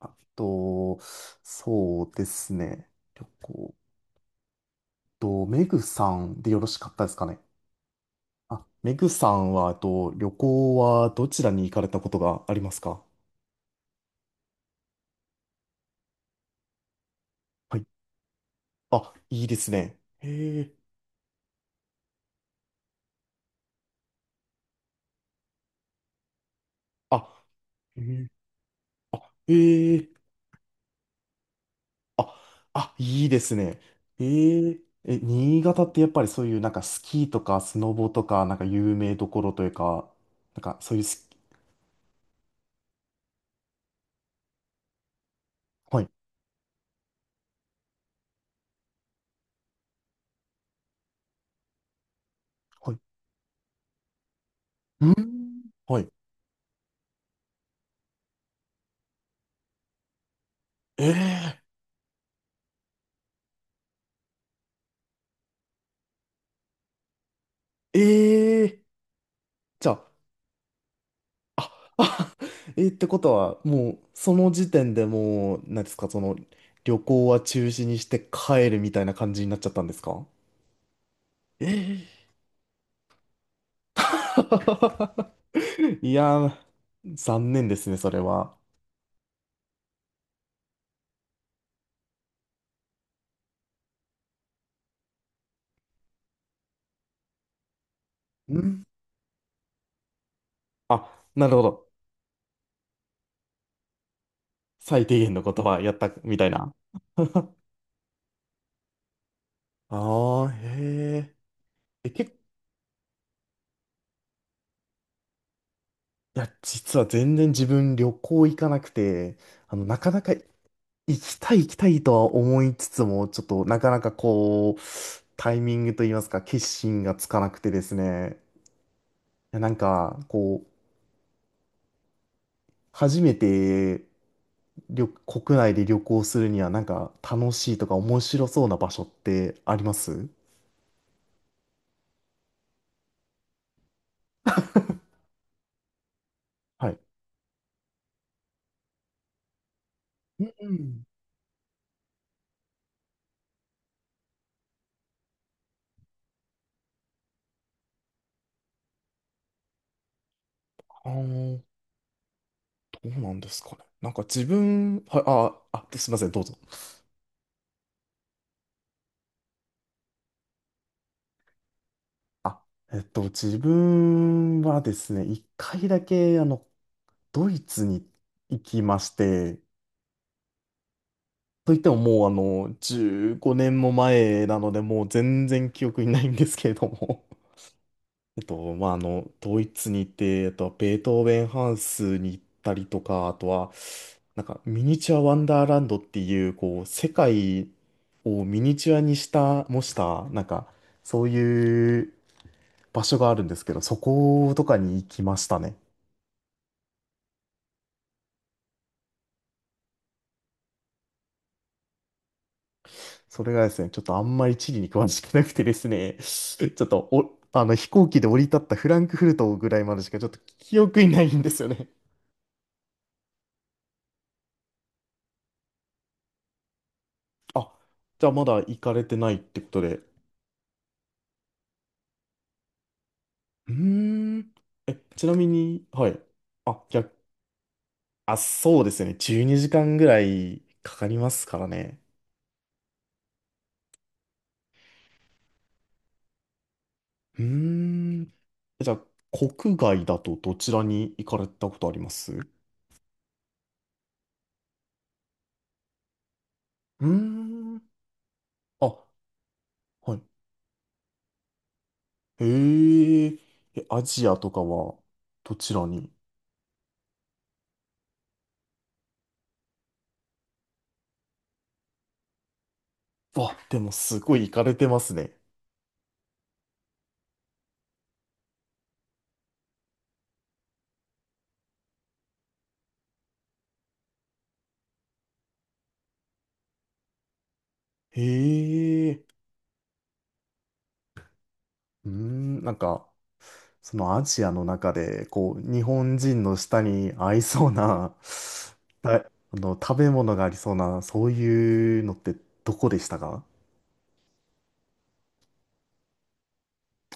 あと、そうですね。旅行。と、メグさんでよろしかったですかね。あ、メグさんは、旅行はどちらに行かれたことがありますか？はい。あ、いいですね。へえ。あ、へえ。へえ。あ、あ、いいですね。へえ。え、新潟ってやっぱりそういうなんかスキーとかスノボとかなんか有名どころというか、なんかそういうスキ、はい、はい。うん。はい。ええええ、じゃあ、えー、ってことは、もう、その時点でもう、なんですか、その、旅行は中止にして帰るみたいな感じになっちゃったんですか？えー、 いやー、残念ですね、それは。うん。あ、なるほど。最低限のことはやった、みたいな。ああ、へえ。え、結構、いや、実は全然自分旅行行かなくて、なかなか行きたい行きたいとは思いつつも、ちょっとなかなかこう、タイミングといいますか、決心がつかなくてですね。いやなんか、こう、初めて国内で旅行するには、なんか楽しいとか面白そうな場所ってありますはい。うんうん。あの、どうなんですかね。なんか自分、はい、あ、すいません、どうぞ。あ、自分はですね、一回だけ、あの、ドイツに行きまして、といってももう15年も前なので、もう全然記憶にないんですけれども。 まあ、ドイツに行って、ベートーベンハウスに行ったりとか、あとは、なんかミニチュアワンダーランドっていう、こう、世界をミニチュアにした、模した、なんか、そういう場所があるんですけど、そことかに行きましたね。それがですね、ちょっとあんまり地理に詳しくなくてですね、ちょっとお、あの飛行機で降り立ったフランクフルトぐらいまでしかちょっと記憶にないんですよね。あ、じゃあまだ行かれてないってことで。うーん。え、ちなみに、はい。あ、逆、あ、そうですね。12時間ぐらいかかりますからね。うーん。じゃあ、国外だとどちらに行かれたことありますう？ーん。あ、はい。へえ、え、アジアとかはどちらに？わ、でもすごい行かれてますね。へえ、うーん、なんか、そのアジアの中で、こう、日本人の舌に合いそうな、たあの、食べ物がありそうな、そういうのってどこでしたか？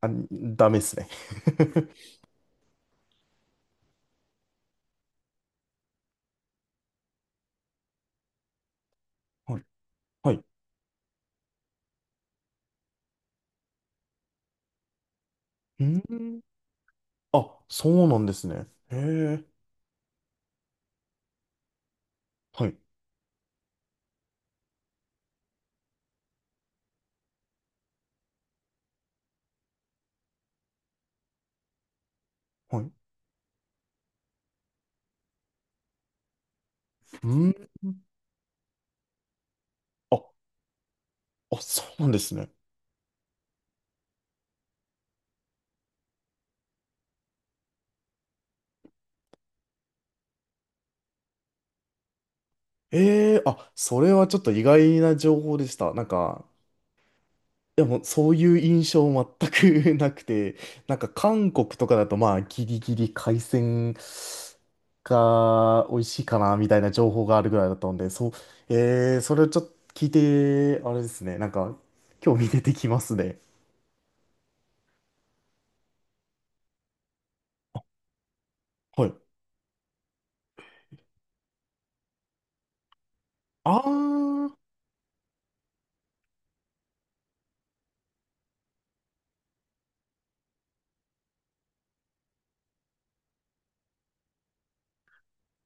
あ、ダメっすね。はい、はい。うーん、あ、そうなんですね。へえ、はい、はい。うーん、あ、あ、そうなんですね。ええ、あ、それはちょっと意外な情報でした。なんか、でもそういう印象全く なくて、なんか韓国とかだとまあギリギリ海鮮が美味しいかなみたいな情報があるぐらいだったんで、そう、ええ、それをちょっと聞いて、あれですね、なんか興味出てきますね。はい。あー、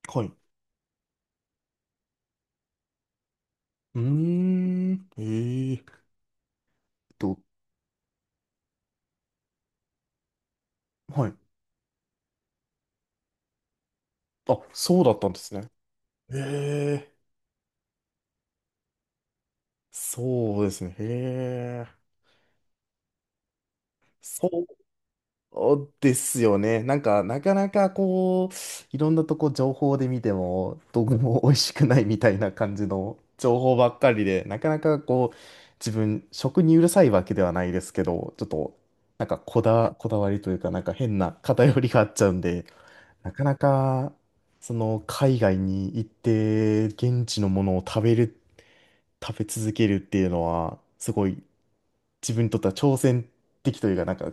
はい。うーん、と、はい。あ、そうだったんですね。ええ、そうですね。へえ。そうですよね。なんか、なかなかこう、いろんなとこ情報で見ても、どこも美味しくないみたいな感じの情報ばっかりで、なかなかこう、自分、食にうるさいわけではないですけど、ちょっと、こだわりというか、なんか変な偏りがあっちゃうんで、なかなか、その、海外に行って、現地のものを食べ続けるっていうのは、すごい、自分にとっては挑戦的というか、なんか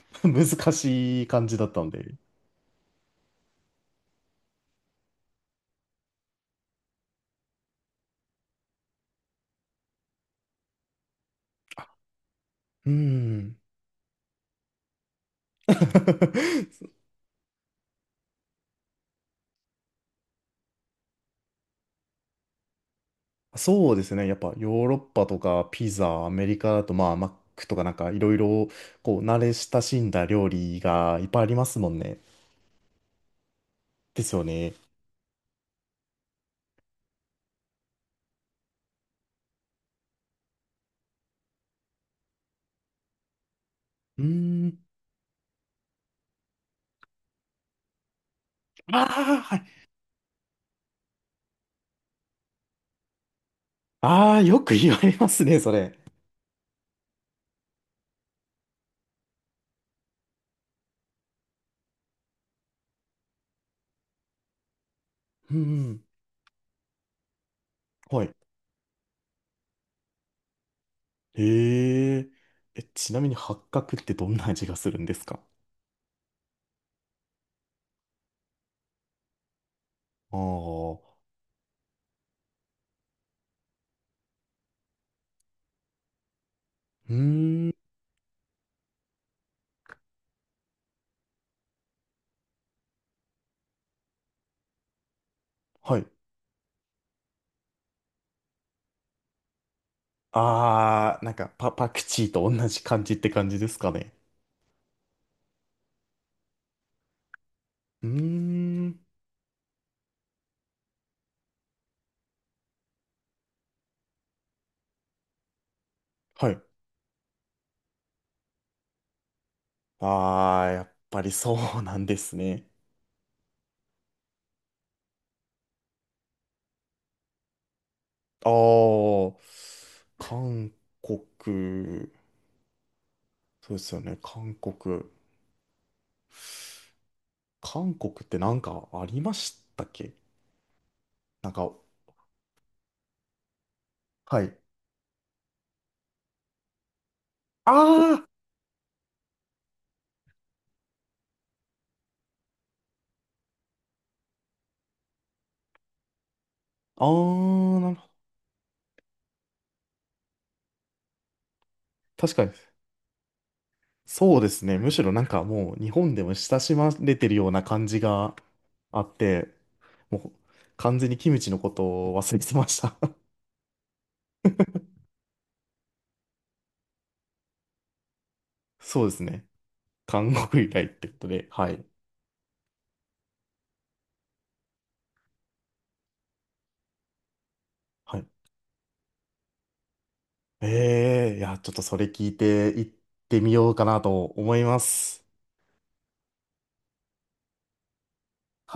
難しい感じだったんで。うん。そうですね。やっぱヨーロッパとかピザ、アメリカだとまあマックとかなんかいろいろこう慣れ親しんだ料理がいっぱいありますもんね。ですよね。うーん。ああ、はい。ああ、よく言われますね、それ。うんうん。はい。へえ。え、ちなみに八角ってどんな味がするんですか？ああー、うーん。はい。あー、なんかパクチーと同じ感じって感じですかね。うーん。はい。あー、やっぱりそうなんですね。あー、韓国。そうですよね、韓国。韓国ってなんかありましたっけ？なんか、はい。あー、あー、なるほど。確かに。そうですね。むしろなんかもう日本でも親しまれてるような感じがあって、もう完全にキムチのことを忘れてました。そうですね。韓国以来ってことで、はい。はい。ええ、いや、ちょっとそれ聞いて行ってみようかなと思います。はい。